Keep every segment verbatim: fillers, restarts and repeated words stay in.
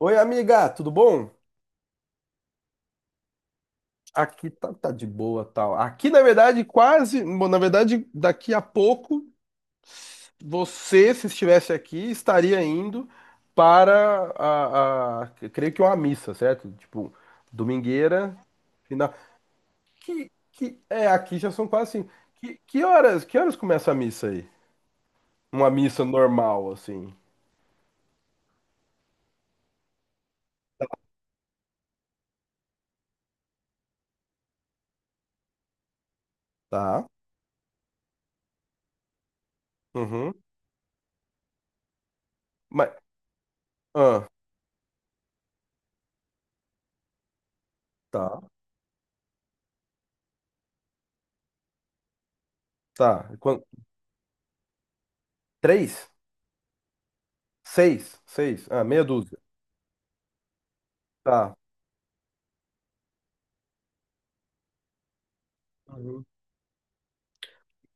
Oi, amiga, tudo bom? Aqui tá, tá de boa, tal. Aqui, na verdade, quase, bom, na verdade, daqui a pouco, você, se estivesse aqui, estaria indo para a, a- eu creio que uma missa, certo? Tipo, domingueira, final. Que, que é aqui já são quase assim. Que, que horas, que horas começa a missa aí? Uma missa normal, assim. Tá. Uhum. Mas, ah, tá, tá. Quan- Três? Seis? Seis? Ah, meia dúzia. Tá.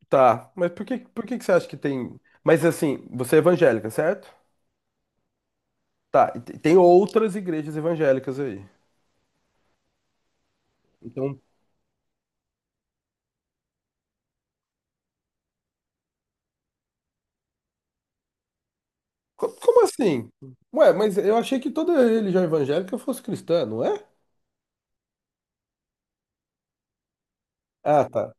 Tá, mas por que, por que que você acha que tem. Mas assim, você é evangélica, certo? Tá, e te- tem outras igrejas evangélicas aí. Então, co- como assim? Ué, mas eu achei que toda religião evangélica fosse cristã, não é? Ah, tá.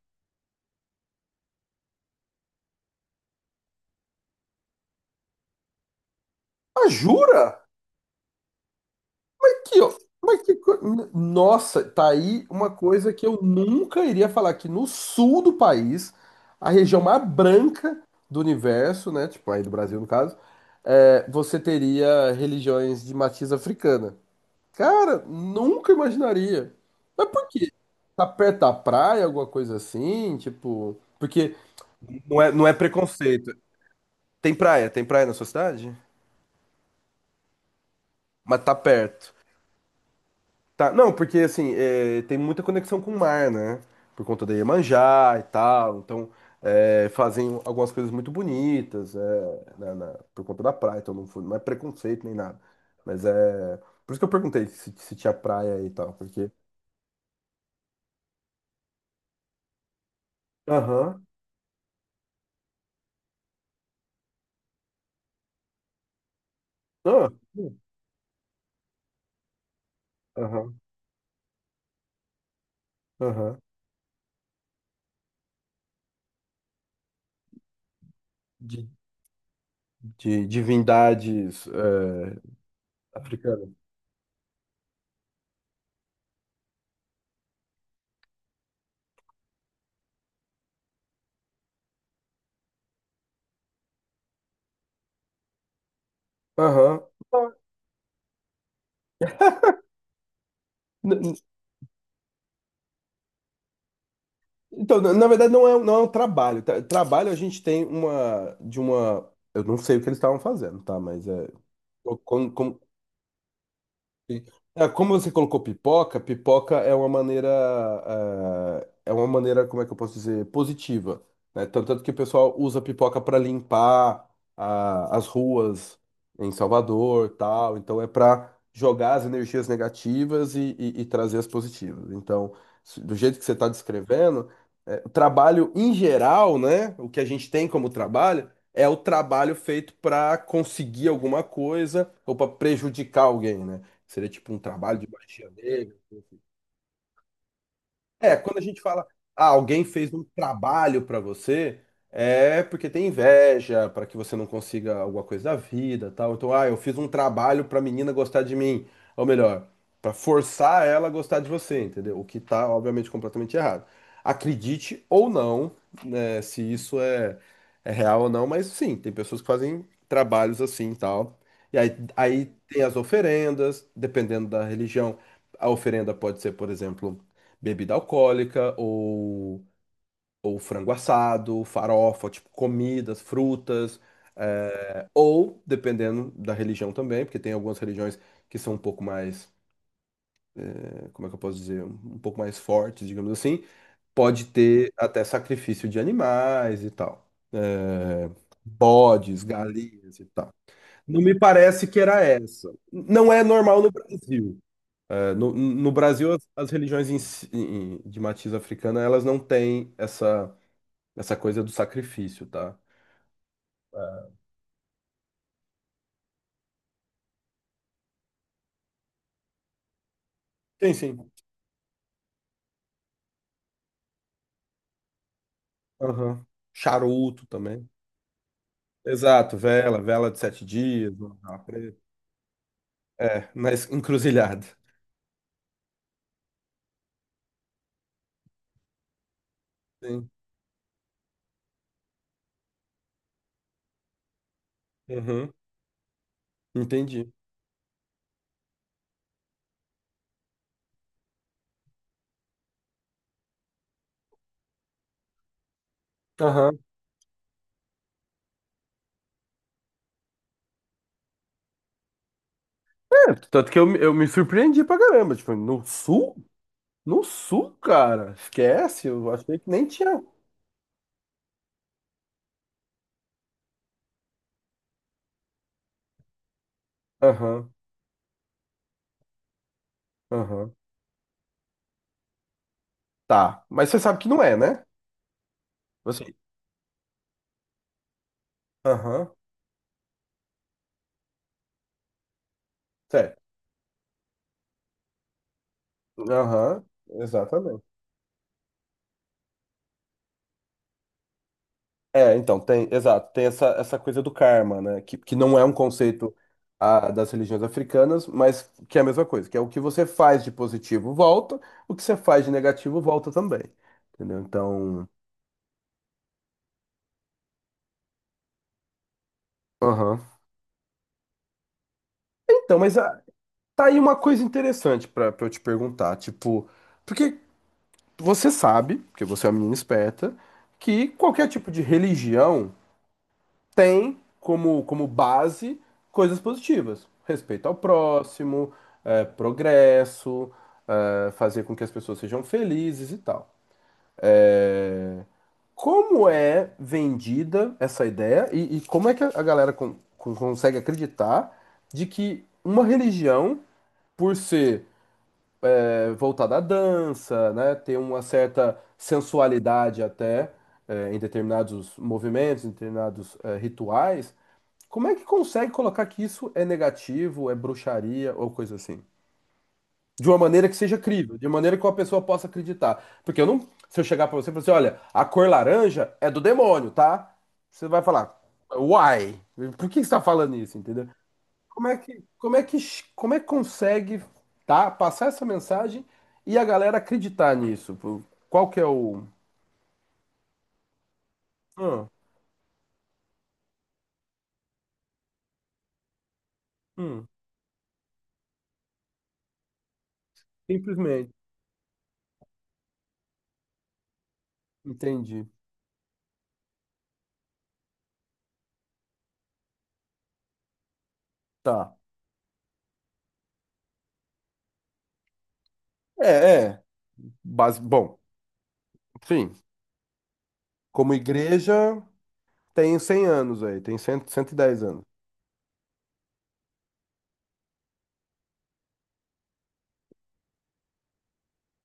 Ah, jura? Aqui, ó. Mas que co... N- Nossa, tá aí uma coisa que eu nunca iria falar, que no sul do país, a região mais branca do universo, né? Tipo, aí do Brasil, no caso, é, você teria religiões de matiz africana. Cara, nunca imaginaria. Mas por quê? Tá perto da praia, alguma coisa assim? Tipo. Porque não é, não é preconceito. Tem praia, tem praia na sua cidade? Mas tá perto. Tá, não, porque assim, é, tem muita conexão com o mar, né? Por conta da Iemanjá e tal. Então, é, fazem algumas coisas muito bonitas, é, na- na- por conta da praia. Então, não, foi- não é preconceito nem nada. Mas é. Por isso que eu perguntei se, se tinha praia e tal. Porque. Aham. Ah, sim. Aham. Aham. De, de divindades eh, africanas. Aham. N- n- Então, na na verdade, não é, um- não é um trabalho, tá? Trabalho a gente tem uma de uma. Eu não sei o que eles estavam fazendo, tá? Mas é. co- Como, como, Sim. Ah, como você colocou pipoca, pipoca é uma maneira, ah, é uma maneira, como é que eu posso dizer, positiva, né? Tanto, tanto que o pessoal usa pipoca para limpar ah, as ruas em Salvador, tal. Então é para jogar as energias negativas e, e- e trazer as positivas. Então, se- do jeito que você está descrevendo, é, o trabalho em geral, né? O que a gente tem como trabalho é o trabalho feito para conseguir alguma coisa ou para prejudicar alguém, né? Seria tipo um trabalho de magia negra. É, quando a gente fala, ah, alguém fez um trabalho pra você, é porque tem inveja, pra que você não consiga alguma coisa da vida, tal. Então, ah, eu fiz um trabalho pra menina gostar de mim, ou melhor, pra forçar ela a gostar de você, entendeu? O que tá, obviamente, completamente errado. Acredite ou não, né, se isso é, é real ou não, mas sim, tem pessoas que fazem trabalhos assim, tal. E aí, aí tem as oferendas, dependendo da religião. A oferenda pode ser, por exemplo, bebida alcoólica ou, ou frango assado, farofa, tipo comidas, frutas, eh, ou dependendo da religião também, porque tem algumas religiões que são um pouco mais, eh, como é que eu posso dizer, um um pouco mais fortes, digamos assim, pode ter até sacrifício de animais e tal. Eh, bodes, galinhas e tal. Não me parece que era essa. Não é normal no Brasil. É, no, no Brasil, as, as religiões em si- em- de matiz africana, elas não têm essa, essa coisa do sacrifício, tá? Sim, sim. Aham. Charuto também. Exato, vela, vela de sete dias, uma vela preta. É, na es- encruzilhada. Sim. Uhum, entendi. Aham. É, tanto que eu, me- eu me surpreendi pra caramba. Tipo, no sul? No sul, cara? Esquece, eu achei que nem tinha. Aham, aham. Tá, mas você sabe que não é, né? Você. Aham. Certo. Aham, exatamente. É, então, tem, exato, tem essa, essa coisa do karma, né? Que, que não é um conceito ah, das religiões africanas, mas que é a mesma coisa, que é o que você faz de positivo volta, o que você faz de negativo volta também. Entendeu? Então. Aham. Então, mas ah, tá aí uma coisa interessante pra pra eu te perguntar, tipo, porque você sabe, porque você é uma menina esperta, que qualquer tipo de religião. Tem como, como base coisas positivas. Respeito ao próximo, eh, progresso, eh, fazer com que as pessoas sejam felizes e tal. Eh, como é vendida essa ideia e, e como é que a galera con- con- consegue acreditar de que uma religião, por ser eh, voltada à dança, né, ter uma certa sensualidade até eh, em determinados movimentos, em determinados eh, rituais, como é que consegue colocar que isso é negativo, é bruxaria ou coisa assim? De uma maneira que seja crível, de uma maneira que uma pessoa possa acreditar. Porque eu não. Se eu chegar pra você e falar assim, olha, a cor laranja é do demônio, tá? Você vai falar, why? Por que você tá falando isso, entendeu? Como é que, como é que, como é que consegue, tá? Passar essa mensagem e a galera acreditar nisso? Pô, qual que é o. Ah, hum, simplesmente. Entendi. Tá. É, é. Base... Bom, sim. Como igreja, tem cem anos aí, tem cem, cento e dez anos.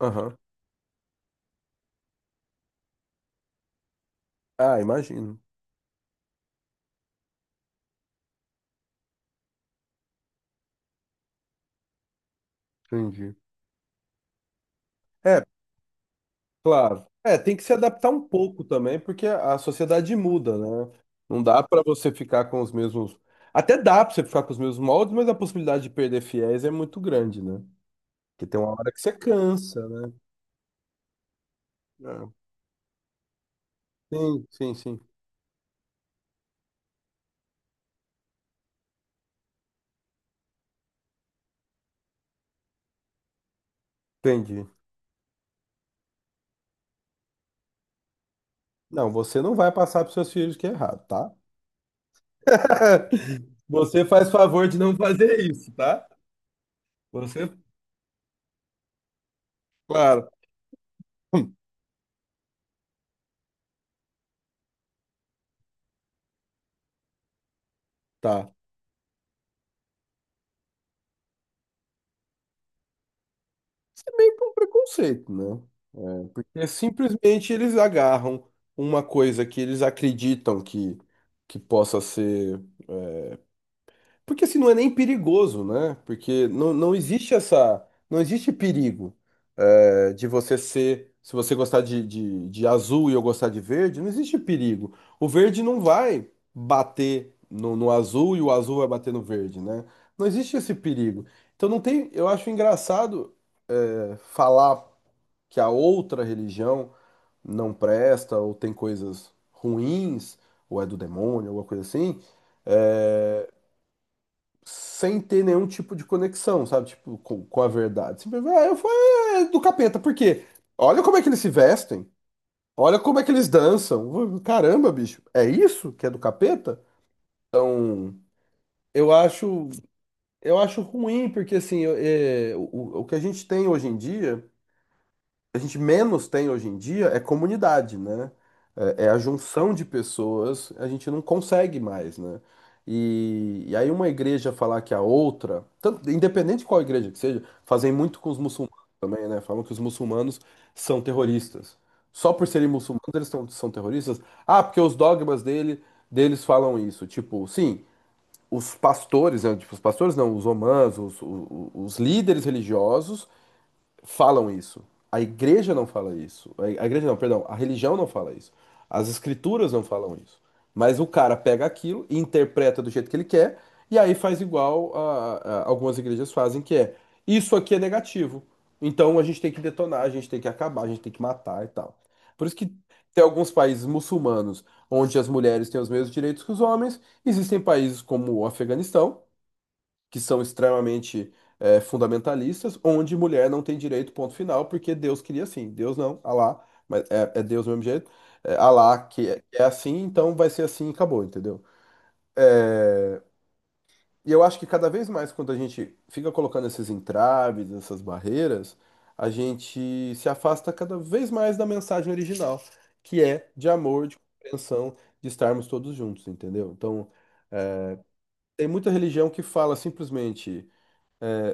Aham. Ah, imagino. Entendi. É, claro. É, tem que se adaptar um pouco também, porque a sociedade muda, né? Não dá pra você ficar com os mesmos. Até dá pra você ficar com os mesmos moldes, mas a possibilidade de perder fiéis é muito grande, né? Porque tem uma hora que você cansa, né? É. Sim, sim, sim. Entendi. Não, você não vai passar pros seus filhos que é errado, tá? Você faz favor de não fazer isso, tá? Você, claro. Tá. Isso é meio que um preconceito, né? Porque simplesmente eles agarram uma coisa que eles acreditam que, que possa ser. Porque assim, não é nem perigoso, né? Porque não, não existe essa. Não existe perigo é, de você ser. Se você gostar de, de, de azul e eu gostar de verde, não existe perigo. O verde não vai bater no, no azul e o azul vai bater no verde, né? Não existe esse perigo. Então não tem. Eu acho engraçado é, falar que a outra religião não presta, ou tem coisas ruins, ou é do demônio, alguma coisa assim, é, sem ter nenhum tipo de conexão, sabe? Tipo, com, com a verdade. Simplesmente, ah, eu fui eh, do capeta, por quê? Olha como é que eles se vestem, olha como é que eles dançam. Caramba, bicho, é isso que é do capeta? Então, eu acho, eu acho ruim, porque assim, eu- é, o, o que a gente tem hoje em dia. A gente menos tem hoje em dia é comunidade, né? É, é a junção de pessoas, a gente não consegue mais, né? E, e aí uma igreja falar que a outra, tanto- independente de qual igreja que seja, fazem muito com os muçulmanos também, né? Falam que os muçulmanos são terroristas. Só por serem muçulmanos eles são, são terroristas? Ah, porque os dogmas dele, deles falam isso. Tipo, sim, os pastores, né? Tipo, os pastores não, os omãs, os os- os líderes religiosos falam isso. A igreja não fala isso. A a igreja não, perdão, a religião não fala isso. As escrituras não falam isso. Mas o cara pega aquilo e interpreta do jeito que ele quer, e aí faz igual a, a- algumas igrejas fazem, que é isso aqui é negativo. Então a gente tem que detonar, a gente tem que acabar, a gente tem que matar e tal. Por isso que tem alguns países muçulmanos onde as mulheres têm os mesmos direitos que os homens, existem países como o Afeganistão que são extremamente eh, fundamentalistas, onde mulher não tem direito, ponto final, porque Deus queria assim. Deus não, Alá, mas é, é Deus do mesmo jeito. É, Alá que é, é assim, então vai ser assim e acabou, entendeu? E eu acho que cada vez mais, quando a gente fica colocando esses entraves, essas barreiras, a gente se afasta cada vez mais da mensagem original, que é de amor, de compreensão, de estarmos todos juntos, entendeu? Então, tem muita religião que fala simplesmente.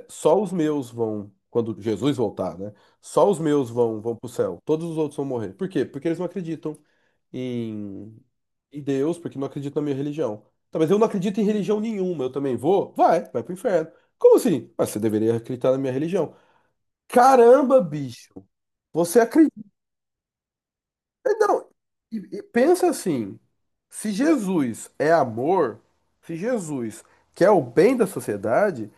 Só os meus vão, quando Jesus voltar, né? Só os meus vão, vão para o céu. Todos os outros vão morrer. Por quê? Porque eles não acreditam em, em Deus, porque não acreditam na minha religião. Tá, mas eu não acredito em religião nenhuma. Eu também vou? Vai, vai pro inferno. Como assim? Mas você deveria acreditar na minha religião. Caramba, bicho. Você acredita? Não. E, e pensa assim: se Jesus é amor, se Jesus quer o bem da sociedade.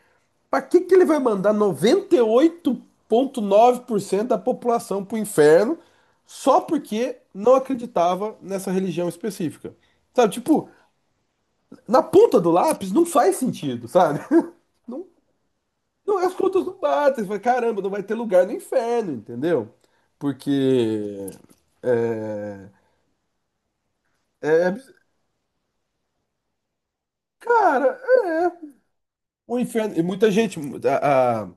Pra que que ele vai mandar noventa e oito vírgula nove por cento da população pro inferno só porque não acreditava nessa religião específica? Sabe, tipo, na ponta do lápis não faz sentido, sabe? Não, não, as contas não batem. Você fala, caramba, não vai ter lugar no inferno, entendeu? Porque. É, é, cara, é. O inferno. E muita gente. A, a-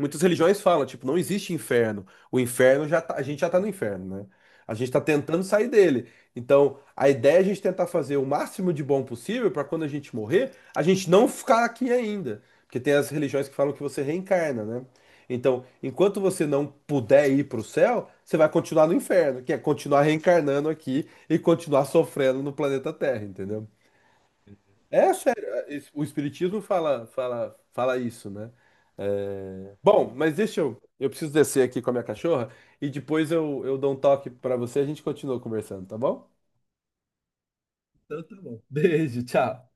Muitas religiões falam, tipo, não existe inferno. O inferno já tá- a gente já tá no inferno, né? A gente tá tentando sair dele. Então, a ideia é a gente tentar fazer o máximo de bom possível para quando a gente morrer, a gente não ficar aqui ainda. Porque tem as religiões que falam que você reencarna, né? Então, enquanto você não puder ir para o céu, você vai continuar no inferno, que é continuar reencarnando aqui e continuar sofrendo no planeta Terra, entendeu? É sério, é, es- o espiritismo fala, fala, fala isso, né? Bom, mas deixa eu. Eu preciso descer aqui com a minha cachorra e depois eu, eu dou um toque pra você e a gente continua conversando, tá bom? Então tá bom. Beijo, tchau.